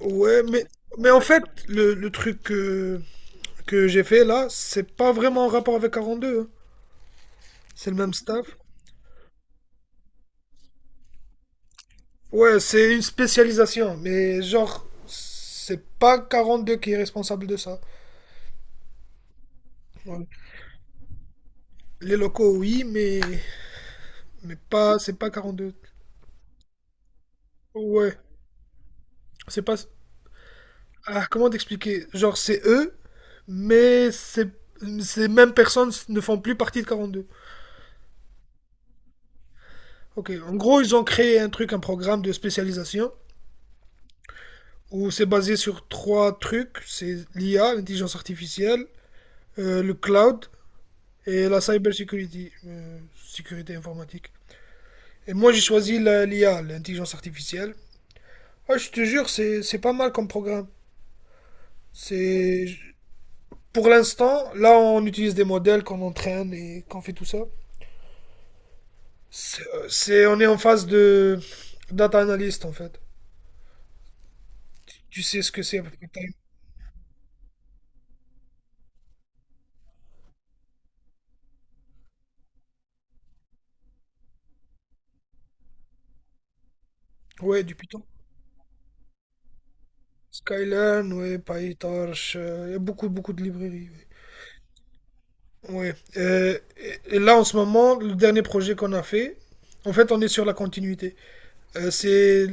Ouais, mais en fait, le truc que j'ai fait là, c'est pas vraiment en rapport avec 42, hein. C'est le même staff. Ouais, c'est une spécialisation, mais genre, c'est pas 42 qui est responsable de ça. Ouais. Les locaux, oui, mais pas, c'est pas 42. Ouais, c'est pas. Ah, comment t'expliquer? Genre, c'est eux, mais c'est- ces mêmes personnes ne font plus partie de 42. Ok, en gros, ils ont créé un truc, un programme de spécialisation où c'est basé sur trois trucs. C'est l'IA, l'intelligence artificielle, le cloud et la cybersecurity, sécurité informatique. Et moi, j'ai choisi l'IA, l'intelligence artificielle. Ah, je te jure, c'est pas mal comme programme. C'est pour l'instant, là, on utilise des modèles qu'on entraîne et qu'on fait tout ça. On est en phase de data analyst en fait. Tu sais ce que c'est à peu Python. Ouais, du Python. Skylern, ouais, PyTorch, il y a beaucoup beaucoup de librairies. Ouais. Ouais. Et là, en ce moment, le dernier projet qu'on a fait, en fait, on est sur la continuité. C'est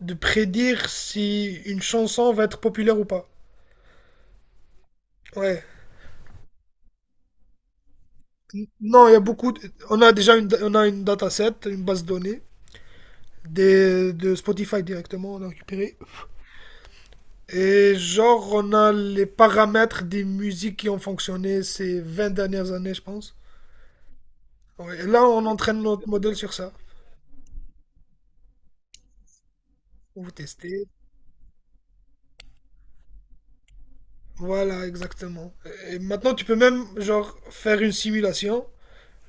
de prédire si une chanson va être populaire ou pas. Ouais. Non, il y a beaucoup. On a une dataset, une base de données de Spotify directement, on a récupéré. Et genre, on a les paramètres des musiques qui ont fonctionné ces 20 dernières années, je pense. Ouais. Et là, on entraîne notre modèle sur ça. On vous tester. Voilà, exactement. Et maintenant, tu peux même, genre, faire une simulation.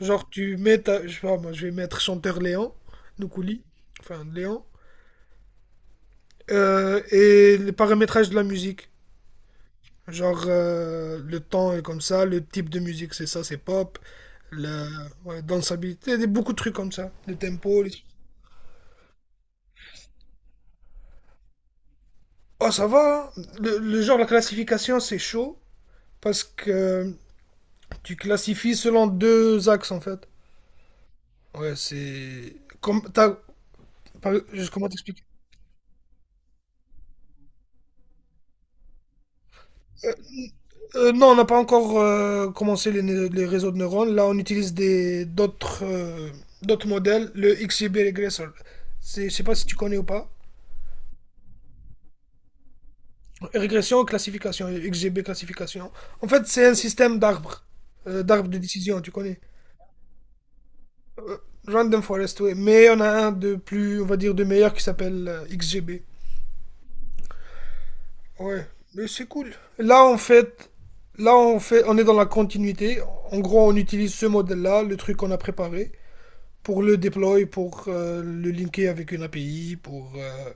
Genre, tu mets je sais pas, moi, je vais mettre chanteur Léon, Noukouli, enfin, Léon, et les paramétrages de la musique. Genre, le temps est comme ça, le type de musique, c'est ça, c'est pop, la ouais, dansabilité, beaucoup de trucs comme ça, le tempo, les. Oh, ça va, hein. Le genre, la classification, c'est chaud, parce que tu classifies selon deux axes, en fait. Ouais, c'est... Comme, t'as Par- juste comment t'expliquer? Euh, non, on n'a pas encore commencé les réseaux de neurones. Là, on utilise des d'autres d'autres modèles, le XGB Regressor. Je sais pas si tu connais ou pas. Régression, classification, XGB classification. En fait, c'est un système d'arbres, d'arbres de décision, tu connais. Random Forest, ouais. Mais on a un de plus, on va dire, de meilleur qui s'appelle XGB. Ouais, mais c'est cool. Là, en fait, là, on est dans la continuité. En gros, on utilise ce modèle-là, le truc qu'on a préparé, pour le déploy, pour le linker avec une API, pour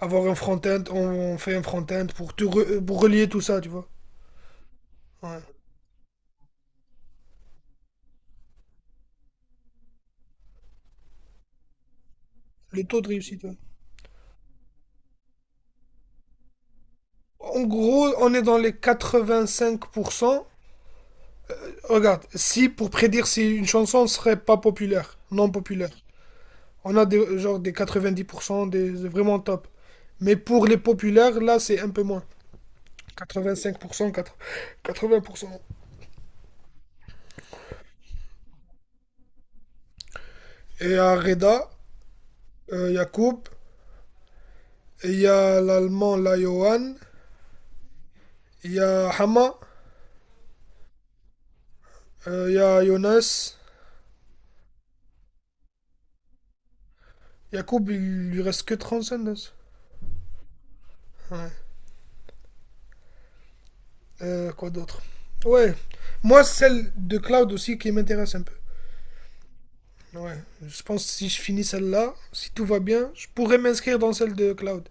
avoir un front-end, on fait un front-end pour, pour relier tout ça, tu vois. Ouais. Le taux de réussite. Ouais. En gros, on est dans les 85%. Regarde, si pour prédire si une chanson serait pas populaire, non populaire, on a genre des 90%, des vraiment top. Mais pour les populaires, là, c'est un peu moins. 85%, 80%. Et à Reda, Yacoub, il y a l'allemand, là, Johan. Il y a Hama. Il y a Jonas. Yacoub, il lui reste que 35. Ouais. Quoi d'autre? Ouais. Moi, celle de Cloud aussi qui m'intéresse un peu. Ouais. Je pense que si je finis celle-là, si tout va bien, je pourrais m'inscrire dans celle de Cloud.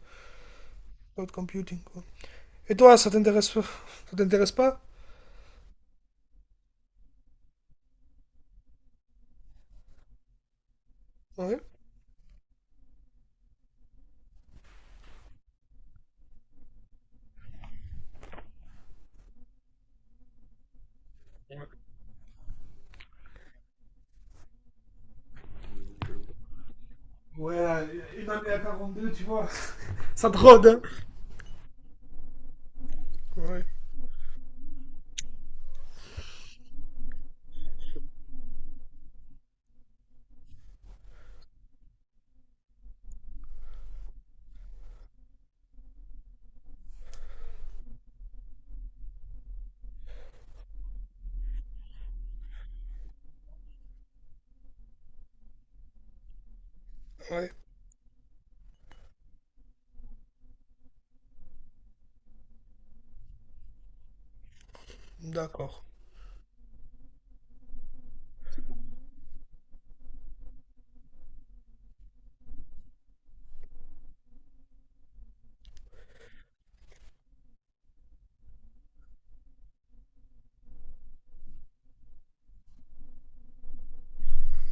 Cloud Computing, quoi. Et toi, ça t'intéresse pas? Ça t'intéresse pas? Ouais. Ouais, une année à 42, tu vois. Ça te rôde, hein? Ouais. Ouais. D'accord.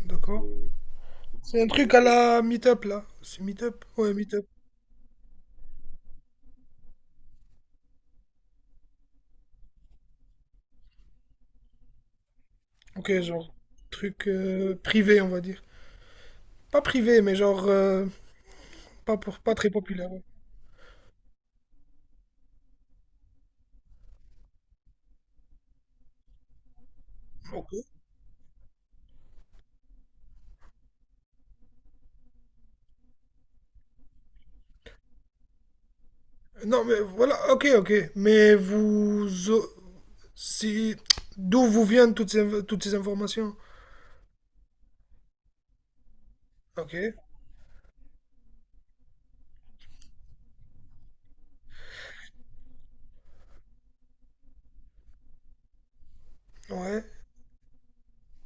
D'accord. C'est un truc à la Meetup là. C'est Meetup? Ouais, Meetup. Ok, genre truc privé, on va dire. Pas privé, mais genre pas pour pas très populaire. Ouais. Ok. Non, mais voilà. Ok, ok. Mais vous, si d'où vous viennent toutes ces informations? Ok. Ouais.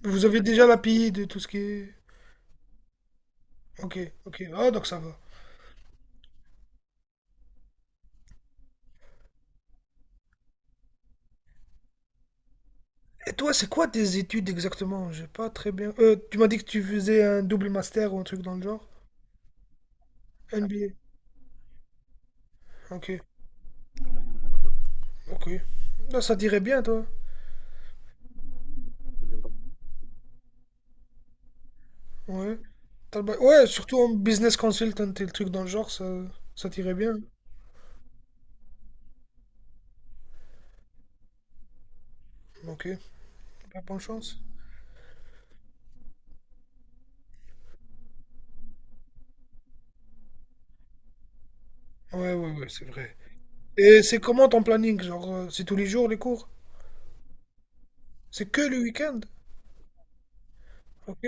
Vous avez déjà la l'API de tout ce qui est. Ok, ok. Ah, donc ça va. Et toi, c'est quoi tes études exactement? J'ai pas très bien. Tu m'as dit que tu faisais un double master ou un truc dans le genre? MBA. Ok. Ok. Là, ça dirait bien, toi. Ouais. Ouais, surtout en business consultant et le truc dans le genre, ça t'irait bien. Ok. Pas bonne chance. Ouais, ouais, ouais, c'est vrai. Et c'est comment ton planning? Genre, c'est tous les jours les cours? C'est que le week-end? Ok.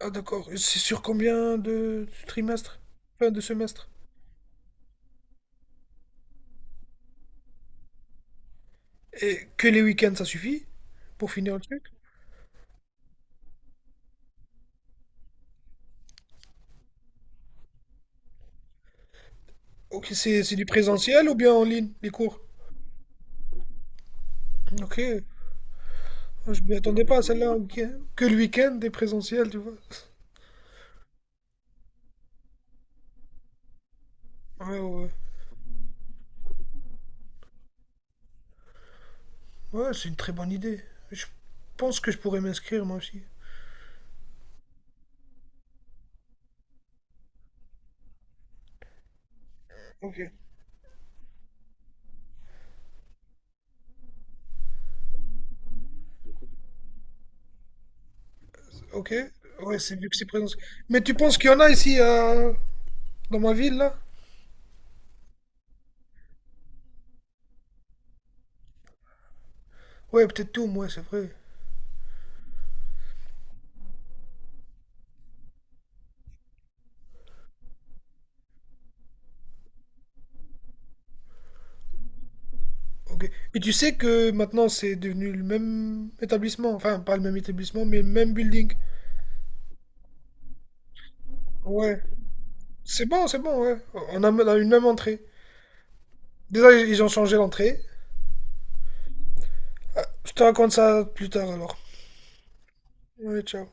Ah, d'accord. Et c'est sur combien de trimestres? Enfin, de semestres? Et que les week-ends, ça suffit pour finir le truc? Ok, c'est du présentiel ou bien en ligne, les cours? Ok. Ah, je m'y attendais pas à celle-là. Ok. Que le week-end, des présentiels, tu vois. Ouais, ouais. Ouais, ouais, c'est une très bonne idée. Je pense que je pourrais m'inscrire moi aussi. Ok. Ok. Ouais, c'est vu que c'est présent. Mais tu penses qu'il y en a ici dans ma ville là? Ouais, peut-être tout, moi c'est vrai. Ok. Et tu sais que maintenant c'est devenu le même établissement. Enfin, pas le même établissement, mais le même building. Ouais. C'est bon, ouais. On a une même entrée. Déjà, ils ont changé l'entrée. Ah, je te raconte ça plus tard alors. Ouais, ciao.